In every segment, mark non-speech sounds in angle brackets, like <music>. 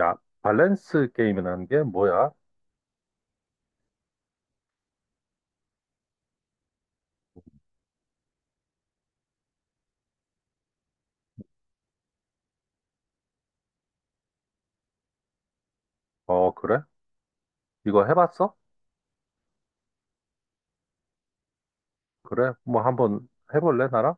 야, 밸런스 게임이라는 게 뭐야? 어, 그래? 이거 해봤어? 그래? 뭐 한번 해볼래, 나랑?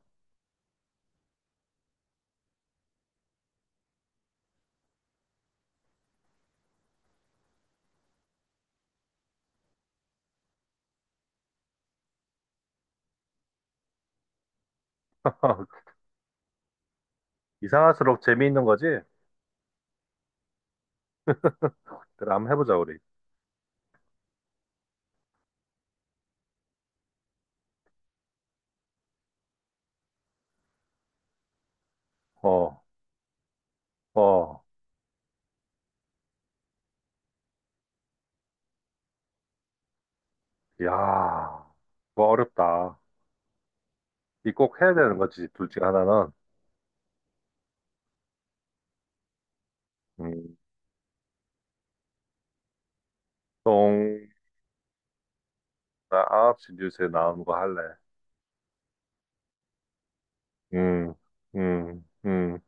<laughs> 이상할수록 재미있는 거지? <laughs> 그래, 한번 해보자, 우리. 어, 어, 야, 이거 어렵다. 이 꼭 해야 되는 거지, 둘 중에 하나는. 음, 똥, 나 9시 뉴스에 나오는 거 할래. 음, 음, 음,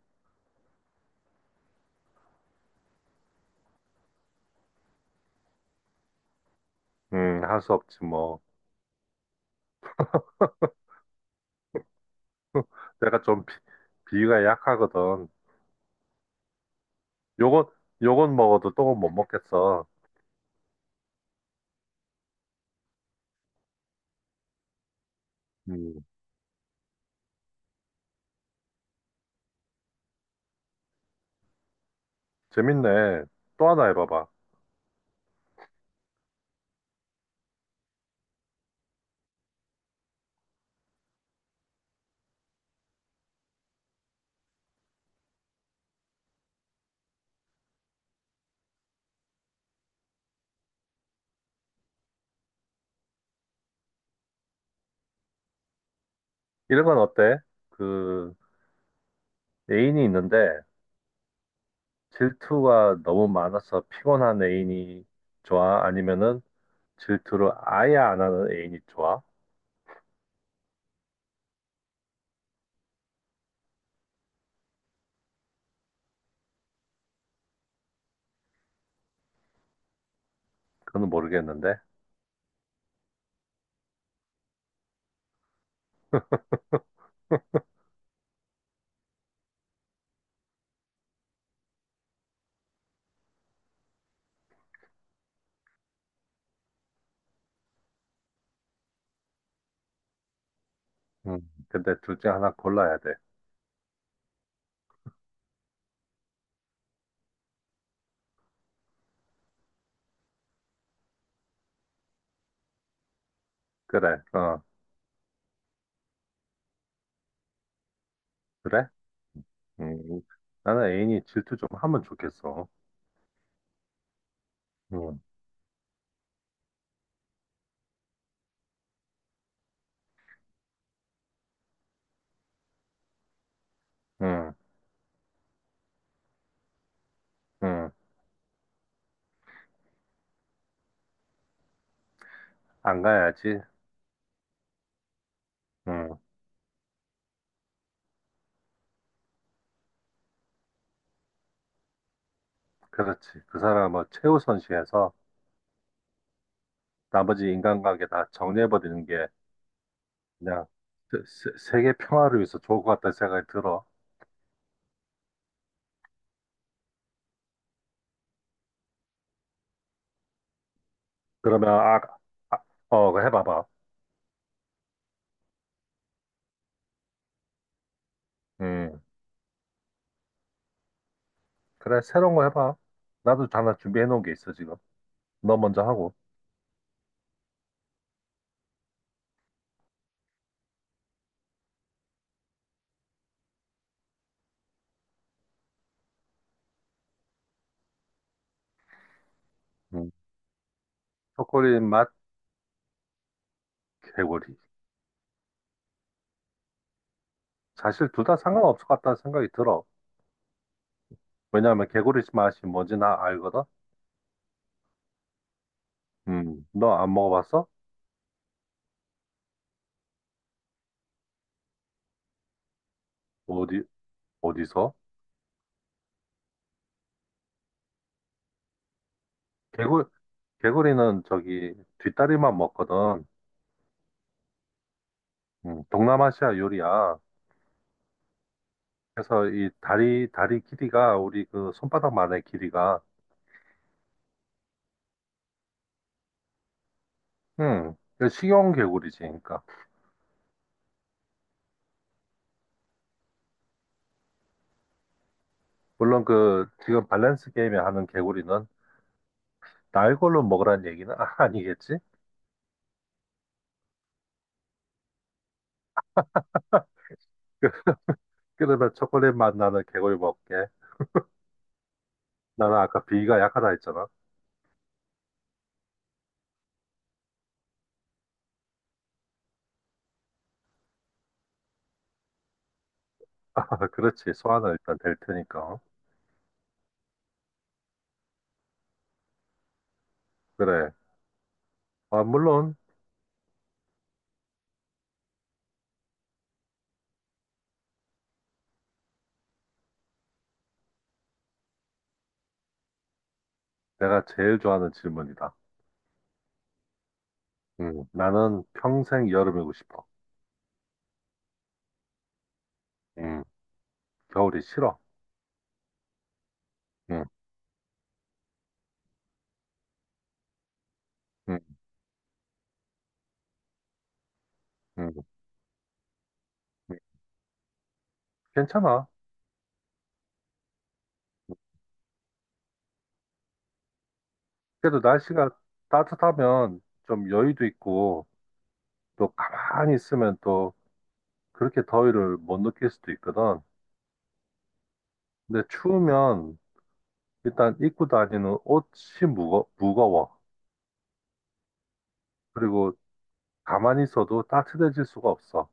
할 수 없지, 뭐. <laughs> 내가 좀 비, 비위가 약하거든. 요건, 요건 먹어도 똥은 못 먹겠어. 음. 재밌네. 또 하나 해봐봐. 이런 건 어때? 그, 애인이 있는데 질투가 너무 많아서 피곤한 애인이 좋아? 아니면은 질투를 아예 안 하는 애인이 좋아? 그건 모르겠는데. 음, 근데 둘 중에 하나 골라야 돼. 그래, 어, 그래? 음, 나는 애인이 질투 좀 하면 좋겠어. 음, 음, 음, 안 가야지. 음, 그렇지. 그 사람을 최우선시해서 나머지 인간관계 다 정리해버리는 게 그냥 세계 평화를 위해서 좋을 것 같다는 생각이 들어. 그러면 아, 아 어, 그거 해봐봐. 음, 그래 새로운 거 해봐. 나도 하나 준비해 놓은 게 있어 지금. 너 먼저 하고. 음, 초콜릿 맛 개구리. 사실 둘 다 상관없을 것 같다는 생각이 들어. 왜냐하면 개구리 맛이 뭔지 나 알거든. 너 안 먹어봤어? 어디 어디서? 개구 개구리는 저기 뒷다리만 먹거든. 동남아시아 요리야. 그래서 이 다리 길이가 우리 그 손바닥만의 길이가, 그 식용 개구리지, 그러니까. 물론 그 지금 밸런스 게임에 하는 개구리는 날 걸로 먹으라는 얘기는 <laughs> 아니겠지? 그- 그러면 초콜릿 맛 나는 개구리 먹게. 나는 아까 비위가 약하다 했잖아. <laughs> 그렇지. 소화는 일단 될 테니까. 그래. 아, 물론 내가 제일 좋아하는 질문이다. 나는 평생 여름이고 싶어. 음, 겨울이 싫어. 음, 음, 음. 음. 괜찮아. 그래도 날씨가 따뜻하면 좀 여유도 있고 또 가만히 있으면 또 그렇게 더위를 못 느낄 수도 있거든. 근데 추우면 일단 입고 다니는 옷이 무거워. 그리고 가만히 있어도 따뜻해질 수가 없어.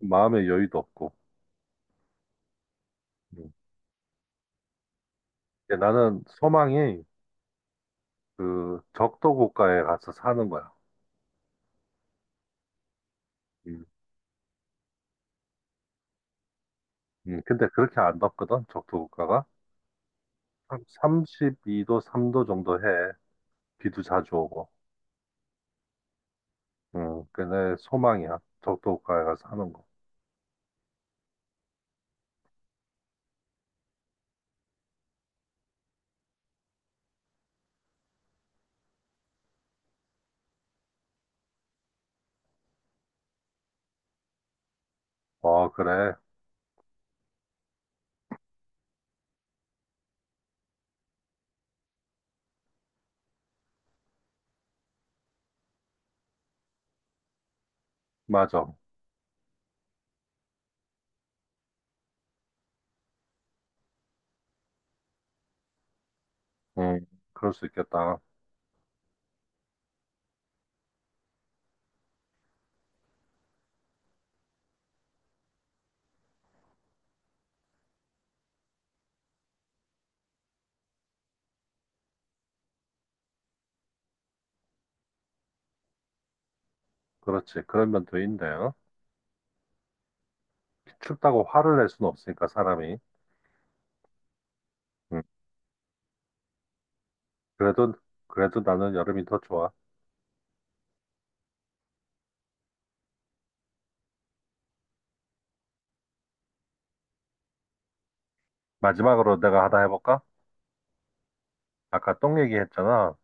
마음의 여유도 없고. 음. 근데 나는 소망이 그 적도 국가에 가서 사는 거야. 음. 근데 그렇게 안 덥거든, 적도 국가가. 한 32도, 3도 정도 해. 비도 자주 오고. 응, 그내 소망이야. 적도가에 가서 하는 거. 어, 그래. 맞아. 응, 그럴 수 있겠다. 그렇지. 그런 면도 있네. 어? 춥다고 화를 낼 수는 없으니까, 사람이. 응, 그래도, 그래도 나는 여름이 더 좋아. 마지막으로 내가 하나 해볼까? 아까 똥 얘기했잖아.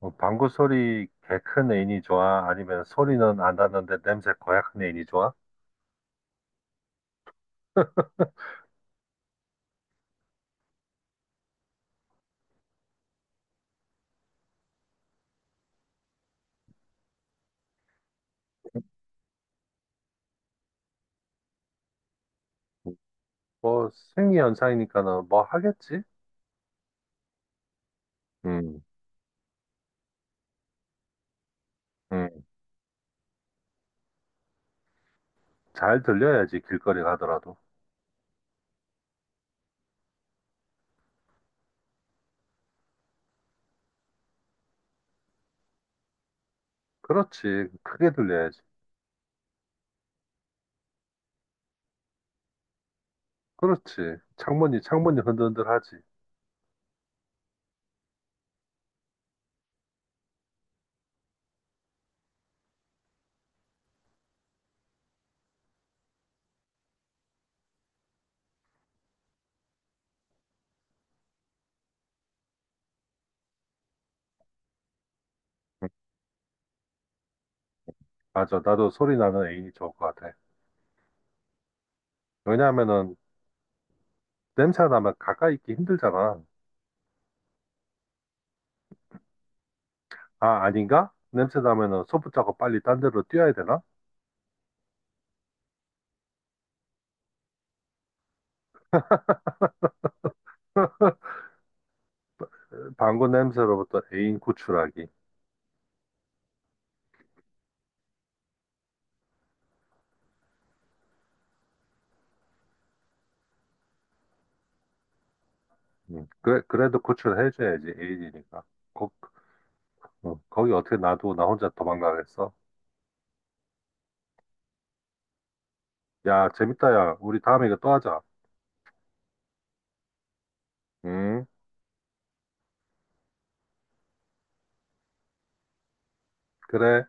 어, 방구 소리 개 큰 애인이 좋아? 아니면 소리는 안 나는데 냄새 고약한 애인이 좋아? 음. 뭐, 생리현상이니까는 뭐 하겠지? 응, 응. 잘 들려야지, 길거리 가더라도. 그렇지. 크게 들려야지. 그렇지. 창문이 흔들흔들하지. 맞아. 나도 소리 나는 애인이 좋을 것 같아. 왜냐하면은 냄새 나면 가까이 있기 힘들잖아. 아, 아닌가? 냄새 나면은 손붙잡고 빨리 딴 데로 뛰어야 되나? 방구 냄새로부터 애인 구출하기. 그래, 그래도 구출해줘야지. 애인이니까. 거, 어, 거기 어떻게 놔두고 나 혼자 도망가겠어? 야, 재밌다, 야. 우리 다음에 이거 또 하자. 음, 그래.